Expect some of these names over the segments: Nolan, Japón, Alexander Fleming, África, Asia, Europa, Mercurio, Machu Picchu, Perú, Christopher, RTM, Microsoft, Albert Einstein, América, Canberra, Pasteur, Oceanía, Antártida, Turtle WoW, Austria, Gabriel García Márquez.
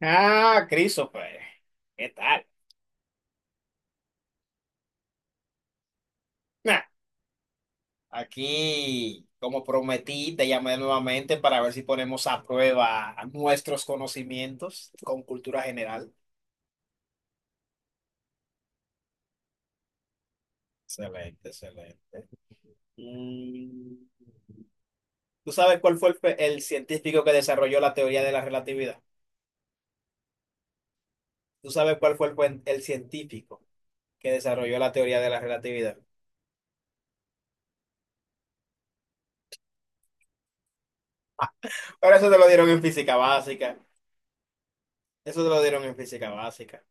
Ah, Christopher, ¿qué tal? Nah, aquí, como prometí, te llamé nuevamente para ver si ponemos a prueba nuestros conocimientos con cultura general. Excelente, excelente. Mm, ¿Tú sabes cuál fue el científico que desarrolló la teoría de la relatividad? ¿Tú sabes cuál fue el científico que desarrolló la teoría de la relatividad? Pero eso te lo dieron en física básica. Eso te lo dieron en física básica.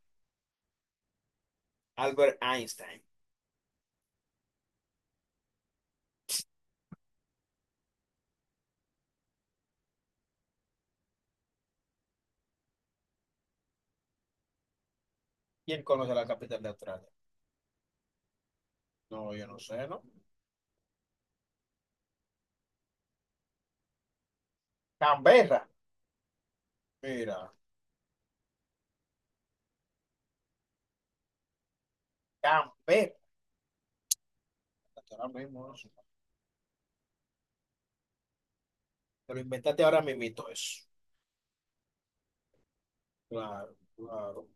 Albert Einstein. ¿Quién conoce la capital de Australia? No, yo no sé, ¿no? Canberra. Mira, Canberra, ahora mismo eso. Te lo inventaste ahora mismito eso. Claro, claro.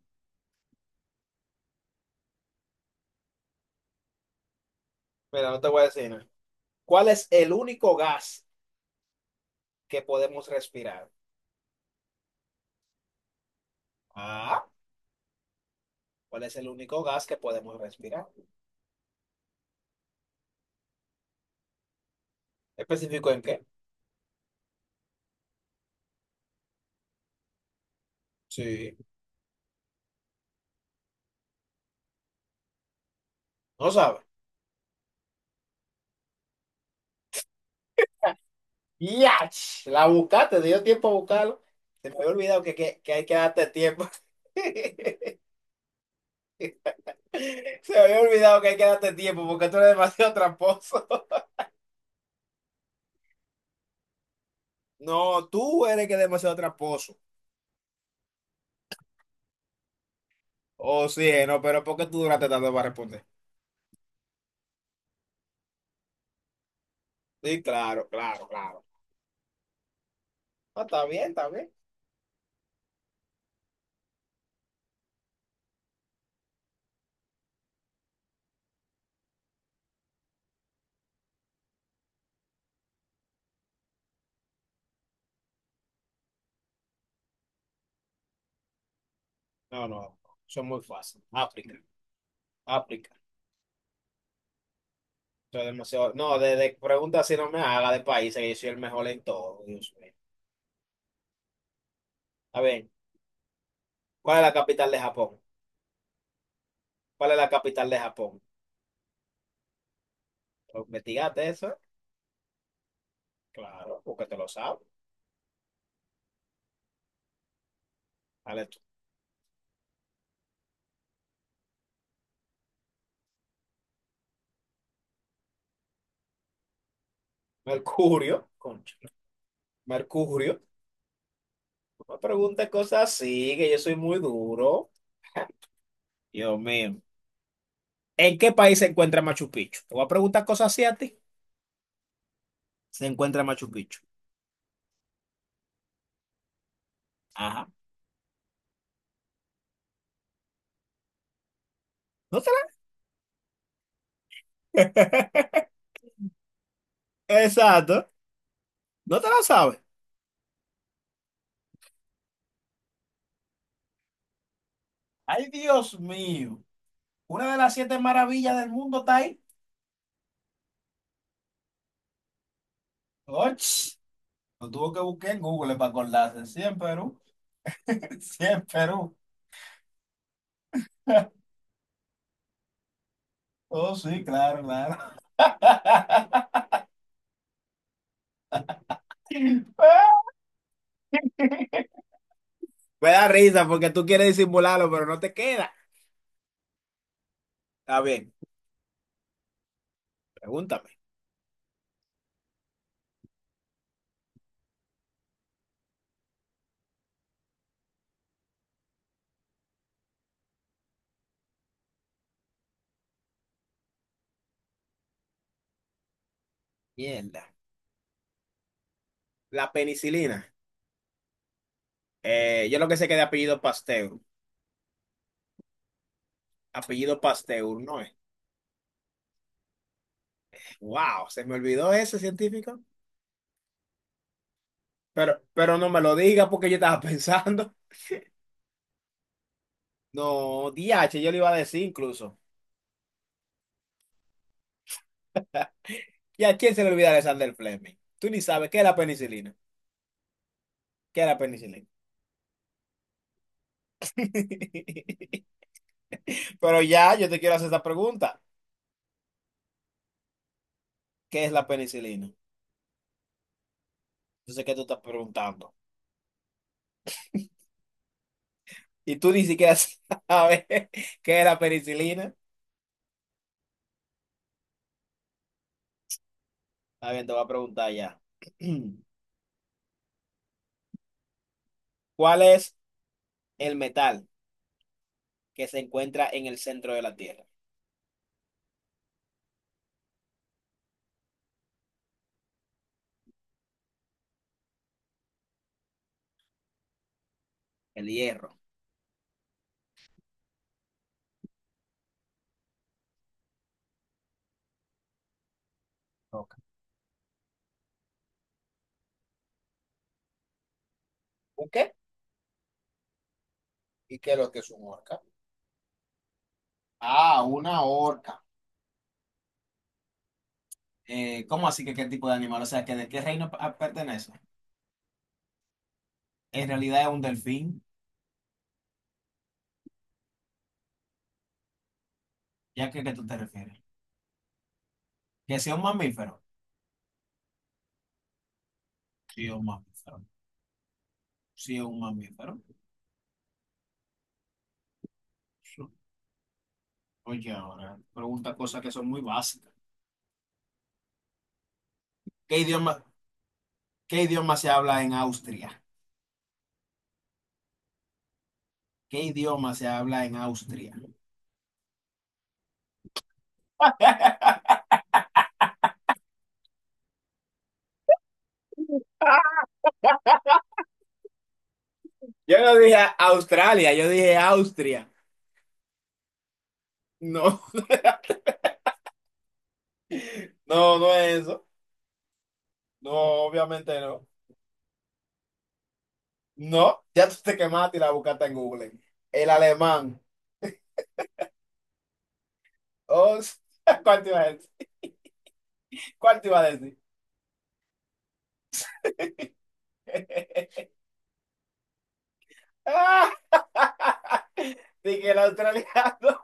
Mira, no te voy a decir nada. ¿Cuál es el único gas que podemos respirar? Ah, ¿cuál es el único gas que podemos respirar? ¿Específico en qué? Sí. No sabes. ¡Yach! La buscaste, te dio tiempo a buscarlo. Se me había olvidado que hay que darte tiempo. Se me había olvidado que hay que darte tiempo porque tú eres demasiado tramposo. No, tú eres que es demasiado tramposo. Oh, sí, no, pero ¿por qué tú duraste tanto para responder? Sí, claro, claro, claro. No, está bien, está bien. No, no, eso es muy fácil. África, África. Eso es demasiado. No, de preguntas si no me haga de países, que yo soy el mejor en todo, Dios mío. A ver, ¿cuál es la capital de Japón? ¿Cuál es la capital de Japón? ¿Lo investigaste eso? Claro, porque te lo sabes. Dale tú. Mercurio, concha. Mercurio. No me preguntes cosas así, que yo soy muy duro. Dios mío. ¿En qué país se encuentra Machu Picchu? Te voy a preguntar cosas así a ti. Se encuentra Machu Picchu. Ajá. No te la... Exacto. No te la sabes. Ay, Dios mío. Una de las siete maravillas del mundo está ahí. Och, lo tuvo que buscar en Google para acordarse. Sí, en Perú. Sí, en Perú. Oh, sí, claro, claro. Me da risa porque tú quieres disimularlo, pero no te queda. Está bien, pregúntame. Mierda. La penicilina. Yo lo que sé que de apellido Pasteur. Apellido Pasteur, ¿no es? Wow, se me olvidó ese científico. Pero no me lo diga porque yo estaba pensando. No, DH yo le iba a decir incluso. ¿Y a quién se le olvida Alexander Fleming? Tú ni sabes qué es la penicilina. ¿Qué es la penicilina? Pero ya, yo te quiero hacer esta pregunta. ¿Qué es la penicilina? Yo sé que tú estás preguntando. Y tú ni siquiera sabes qué es la penicilina. Está bien, te voy a preguntar ya. ¿Cuál es el metal que se encuentra en el centro de la Tierra? El hierro. Ok. ¿Ok? ¿Y qué es lo que es un orca? Ah, una orca. ¿Cómo así que qué tipo de animal? O sea, que de qué reino pertenece. En realidad es un delfín, ya que ¿qué tú te refieres? ¿Que sea un mamífero? Sí, es un mamífero. Sí, es un mamífero. Sí. Oye, ahora, pregunta cosas que son muy básicas. ¿Qué idioma, qué idioma se habla en Austria? ¿Qué idioma se habla en Austria? Yo no dije Australia, yo dije Austria. No, no, no es eso. No, obviamente no. No, ya tú te quemaste y la buscaste en Google. El alemán. Oh, ¿cuál te iba a decir? ¿Cuál te iba a decir? Ah, dije que el australiano.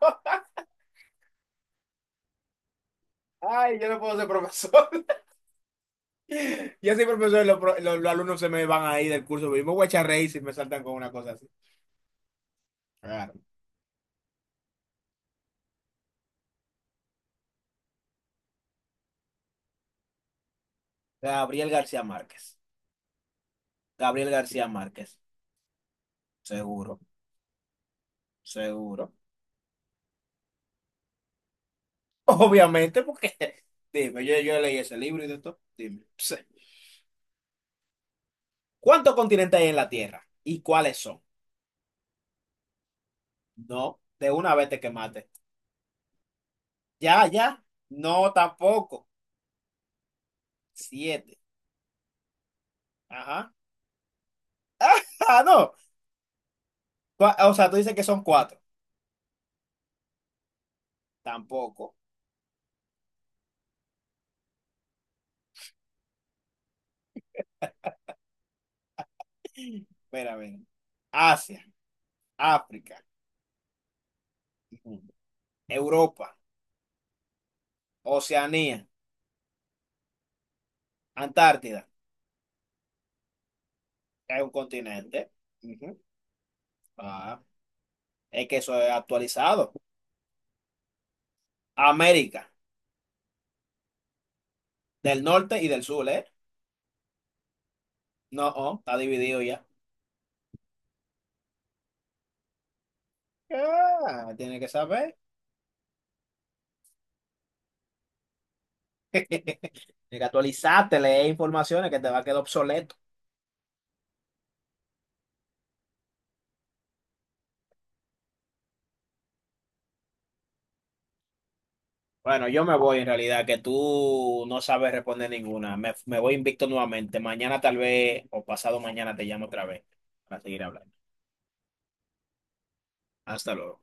Ay, yo no puedo ser profesor. Yo soy profesor y los alumnos se me van ahí del curso. Mismo. Voy a echar reír si me saltan con una cosa así. Claro. Gabriel García Márquez. Gabriel García Márquez. Seguro, seguro. Obviamente, porque dime, yo leí ese libro y de todo. Dime. Sí. ¿Cuántos continentes hay en la Tierra? ¿Y cuáles son? No, de una vez te quemaste. Ya, ya. No, tampoco. Siete. Ajá. Ah, no. O sea, tú dices que son cuatro. Tampoco. Espera, a ver. Asia, África, ujú. Europa, Oceanía, Antártida. Es un continente. Ujú. Ah, es que eso es actualizado. América, del norte y del sur, ¿eh? No, oh, está dividido ya. Ah, tiene que saber. Tienes que actualizarte, leer informaciones que te va a quedar obsoleto. Bueno, yo me voy en realidad, que tú no sabes responder ninguna. Me voy invicto nuevamente. Mañana tal vez o pasado mañana te llamo otra vez para seguir hablando. Hasta luego.